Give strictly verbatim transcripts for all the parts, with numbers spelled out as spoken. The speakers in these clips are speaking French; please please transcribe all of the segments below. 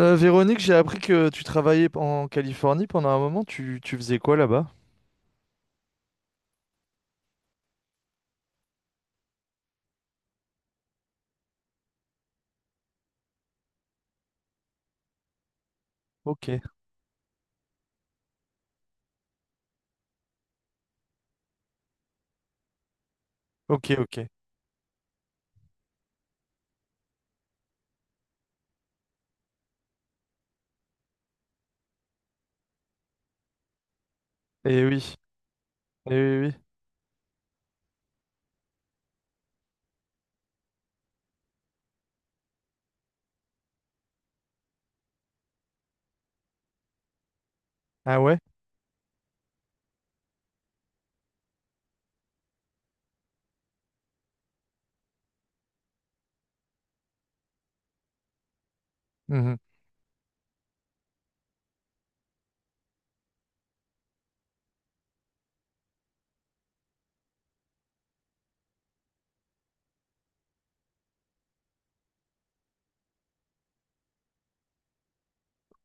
Euh, Véronique, j'ai appris que tu travaillais en Californie pendant un moment. Tu, tu faisais quoi là-bas? Ok, ok, ok. Eh oui, eh oui, oui. Ah ouais? Mhm.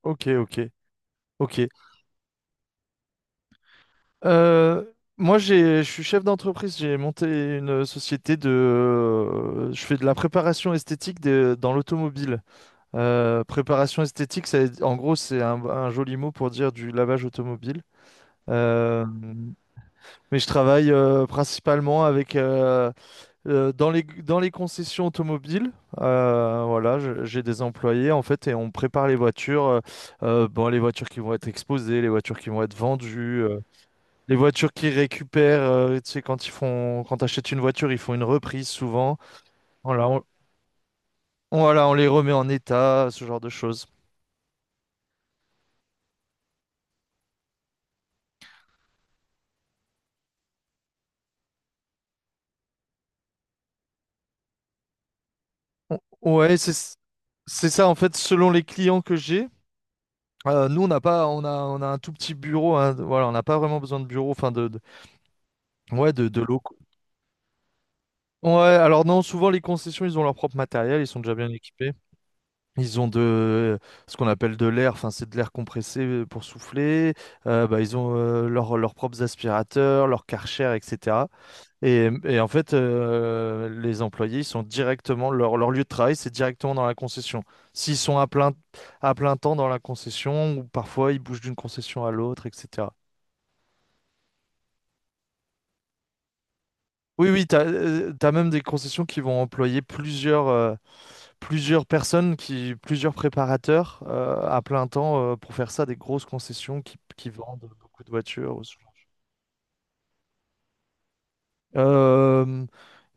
Ok, ok, ok. Euh, Moi, j'ai, je suis chef d'entreprise. J'ai monté une société de. Euh, Je fais de la préparation esthétique de- dans l'automobile. Euh, préparation esthétique, ça, en gros, c'est un, un joli mot pour dire du lavage automobile. Euh, mais je travaille euh, principalement avec. Euh, Euh, dans les, dans les concessions automobiles. Euh, voilà, je- j'ai des employés en fait et on prépare les voitures, euh, euh, bon, les voitures qui vont être exposées, les voitures qui vont être vendues, euh, les voitures qui récupèrent, euh, tu sais, quand ils font, quand t'achètes une voiture, ils font une reprise souvent. Voilà, on, on- voilà, on les remet en état, ce genre de choses. On- ouais, c'est c'est ça en fait, selon les clients que j'ai. Euh, nous, on n'a pas, on a, on a un tout petit bureau, hein, voilà, on n'a pas vraiment besoin de bureau, enfin de, de- ouais, de, de locaux. Ouais, alors non, souvent les concessions, ils ont leur propre matériel, ils sont déjà bien équipés. Ils ont de ce qu'on appelle de l'air, enfin c'est de l'air compressé euh, pour souffler. Euh, bah, ils ont euh, leur- leurs propres aspirateurs, leurs Karcher, et cetera. Et, et en fait, euh, les employés, ils sont directement, leur, leur lieu de travail, c'est directement dans la concession. S'ils sont à plein, à plein temps dans la concession, ou parfois ils bougent d'une concession à l'autre, et cetera. Oui, oui, t'as, euh, t'as même des concessions qui vont employer plusieurs, euh, plusieurs personnes, qui, plusieurs préparateurs euh, à plein temps euh, pour faire ça, des grosses concessions qui, qui vendent beaucoup de voitures, ce genre de choses. Euh,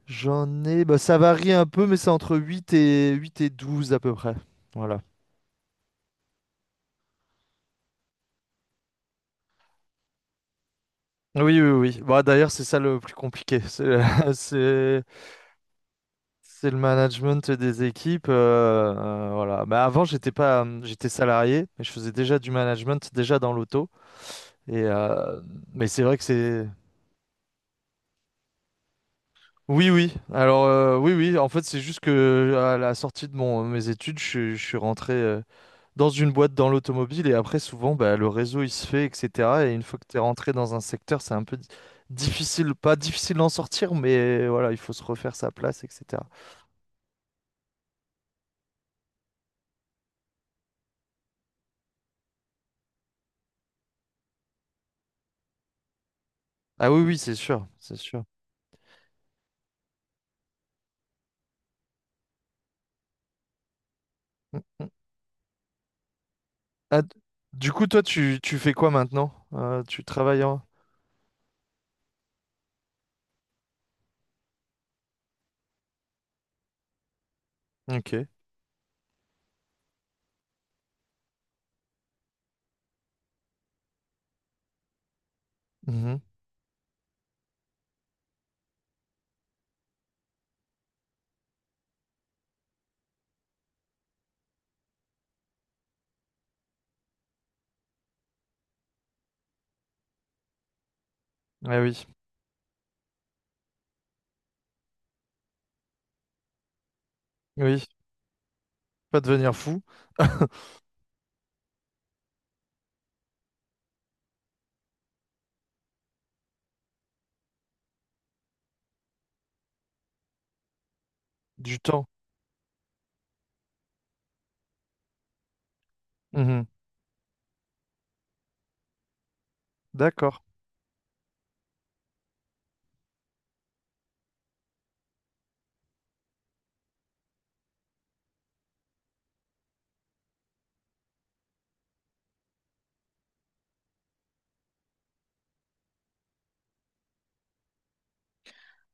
J'en ai, bah, ça varie un peu, mais c'est entre huit et, huit et douze à peu près. Voilà. Oui, oui, oui. Bah, d'ailleurs, c'est ça le plus compliqué. C'est c'est- c'est le management des équipes, euh, euh, voilà. Mais avant, j'étais pas, j'étais salarié, mais je faisais déjà du management, déjà dans l'auto. Et euh, mais c'est vrai que c'est. Oui, oui. Alors euh, oui, oui. En fait c'est juste que à la sortie de mon mes études, je, suis je suis rentré euh, dans une boîte dans l'automobile et après souvent bah, le réseau il se fait, et cetera. Et une fois que tu es rentré dans un secteur, c'est un peu di- difficile, pas difficile d'en sortir, mais voilà, il faut se refaire sa place, et cetera. Ah oui, oui, c'est sûr, c'est sûr. Mm, mm. Ah, d- du coup toi, tu, tu fais quoi maintenant? Euh, tu travailles en... Ok. Mhm. Ah oui, oui. Pas devenir fou. Du temps. Mhm. D'accord.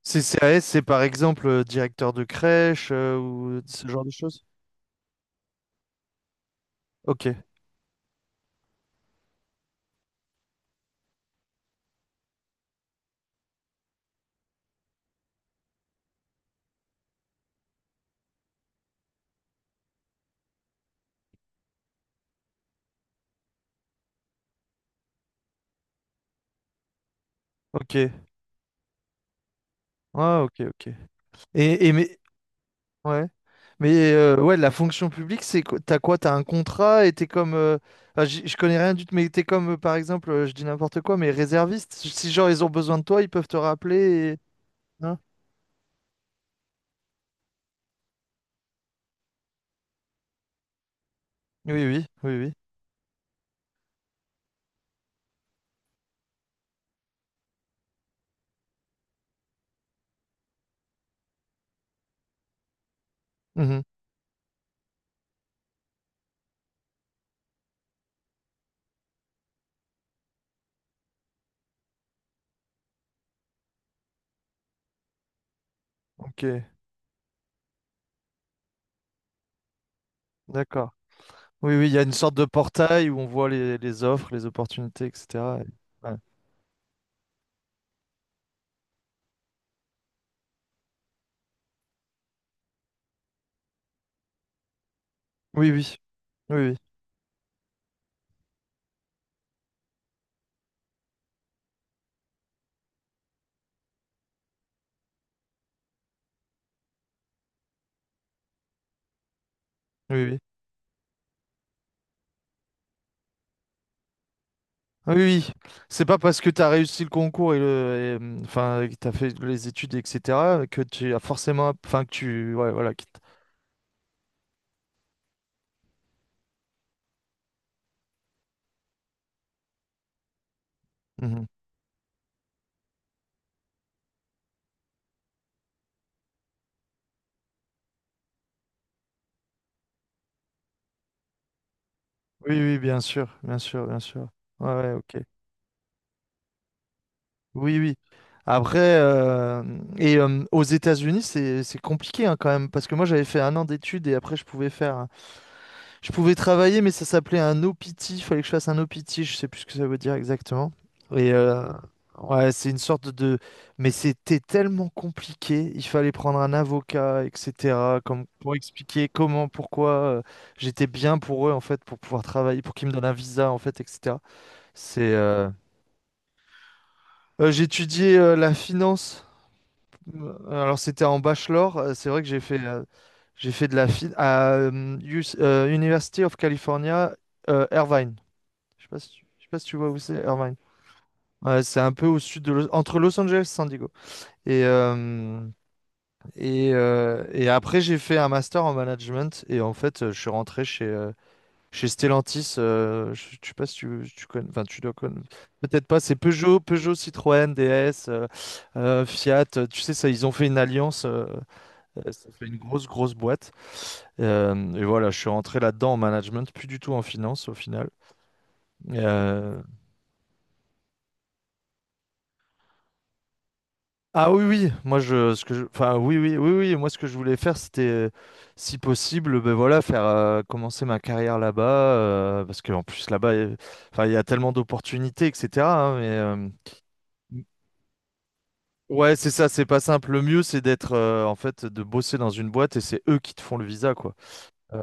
C C A S, c'est par exemple euh, directeur de crèche euh, ou ce genre de choses? Ok, ok. Ah, ok, ok. Et, et mais ouais. Mais euh, ouais, la fonction publique, c'est quoi? T'as quoi? T'as un contrat et t'es comme. Euh, enfin, j'y- je connais rien du tout, mais t'es comme euh, par exemple, euh, je dis n'importe quoi, mais réserviste. Si si genre ils ont besoin de toi, ils peuvent te rappeler. Et- hein. Oui, oui, oui, oui. Mhm. Ok, d'accord. Oui, oui, il y a une sorte de portail où on voit les, les offres, les opportunités, et cetera. Ouais. Oui, oui. Oui, oui. Oui, oui. Ah, oui, oui. C'est pas parce que tu as réussi le concours et le, et, hum, enfin, que tu fait les études, et cetera, que tu as forcément, enfin, que tu, ouais, voilà. que t- Mhm. Oui, oui, bien sûr, bien sûr, bien sûr. Ouais, ouais, ok. Oui, oui. Après, euh, et euh, aux États-Unis, c'est c'est compliqué hein, quand même, parce que moi j'avais fait un an d'études et après je pouvais faire. Je pouvais travailler, mais ça s'appelait un O P T. Il fallait que je fasse un O P T. Je sais plus ce que ça veut dire exactement. Et euh, ouais, c'est une sorte de. Mais c'était tellement compliqué. Il fallait prendre un avocat, et cetera. Comme pour expliquer comment, pourquoi euh, j'étais bien pour eux en fait, pour pouvoir travailler, pour qu'ils me donnent un visa en fait, et cetera. C'est. Euh, euh, j'ai étudié euh, la finance. Euh, Alors c'était en bachelor. Euh, C'est vrai que j'ai fait. euh, J'ai fait de la finance à euh, Us- euh, University of California, euh, Irvine. Je sais pas si tu, je sais pas si tu vois où c'est, Irvine. Ouais, c'est un peu au sud de Los- entre Los Angeles et San Diego. Et, euh, et, euh, et après, j'ai fait un master en management. Et en fait, euh, je suis rentré chez, euh, chez Stellantis. euh, je je sais pas si tu, tu connais. Enfin, tu dois connaître. Peut-être pas. C'est Peugeot, Peugeot, Citroën, D S, euh, euh, Fiat. euh, Tu sais, ça, ils ont fait une alliance, euh, euh, ça fait une grosse, grosse boîte. Euh, et voilà, je suis rentré là-dedans en management, plus du tout en finance au final. Euh, Ah oui, oui, moi je, ce que je, enfin oui, oui, oui, oui, moi ce que je voulais faire, c'était, euh, si possible, ben voilà, faire euh, commencer ma carrière là-bas, euh, parce qu'en plus là-bas, il y a- enfin il y a tellement d'opportunités, et cetera Hein, mais euh, m- ouais, c'est ça, c'est pas simple. Le mieux, c'est d'être, euh, en fait, de bosser dans une boîte et c'est eux qui te font le visa, quoi. Euh,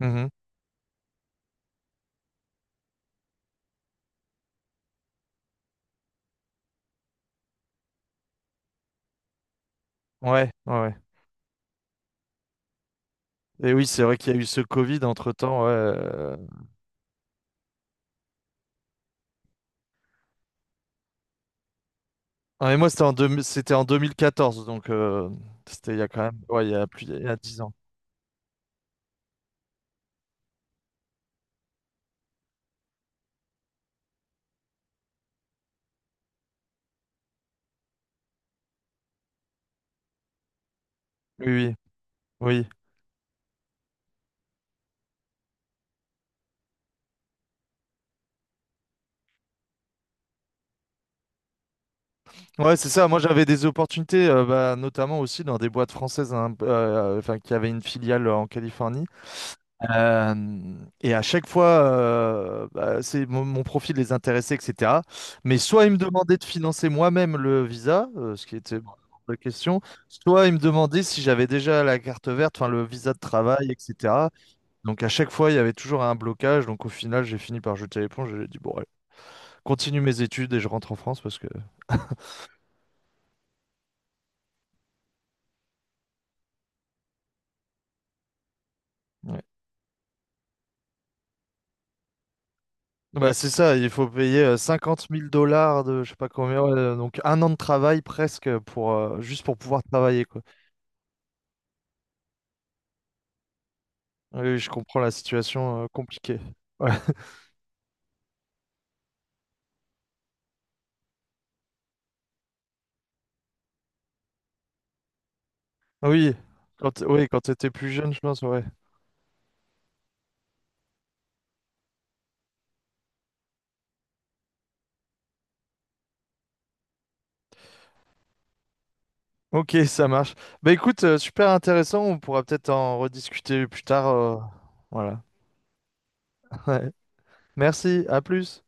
mhm. Ouais, ouais. Ouais. Et oui, c'est vrai qu'il y a eu ce Covid entre-temps. Ouais. euh. Ah, et moi, c'était en, deux- c'était en deux mille quatorze donc euh, c'était il y a quand même, ouais, il y a plus, il y a dix ans. Oui, oui, oui. Ouais, c'est ça. Moi, j'avais des opportunités, euh, bah, notamment aussi dans des boîtes françaises, hein, euh, enfin, qui avaient une filiale en Californie. Euh, et à chaque fois, euh, bah, c'est mon, mon profil les intéressait, et cetera. Mais soit ils me demandaient de financer moi-même le visa, euh, ce qui était la question, soit ils me demandaient si j'avais déjà la carte verte, enfin le visa de travail, et cetera. Donc à chaque fois, il y avait toujours un blocage. Donc au final, j'ai fini par jeter l'éponge. J'ai dit bon, allez, continue mes études et je rentre en France parce que. Ouais. Bah, c'est ça, il faut payer euh, cinquante mille dollars de je sais pas combien, ouais, euh, donc un an de travail presque pour euh, juste pour pouvoir travailler quoi. Oui, je comprends la situation euh, compliquée. Ouais. Oui, quand oui, quand t'étais plus jeune, je pense, ouais. Ok, ça marche. Bah écoute, euh, super intéressant, on pourra peut-être en rediscuter plus tard. Euh, voilà. Ouais. Merci, à plus.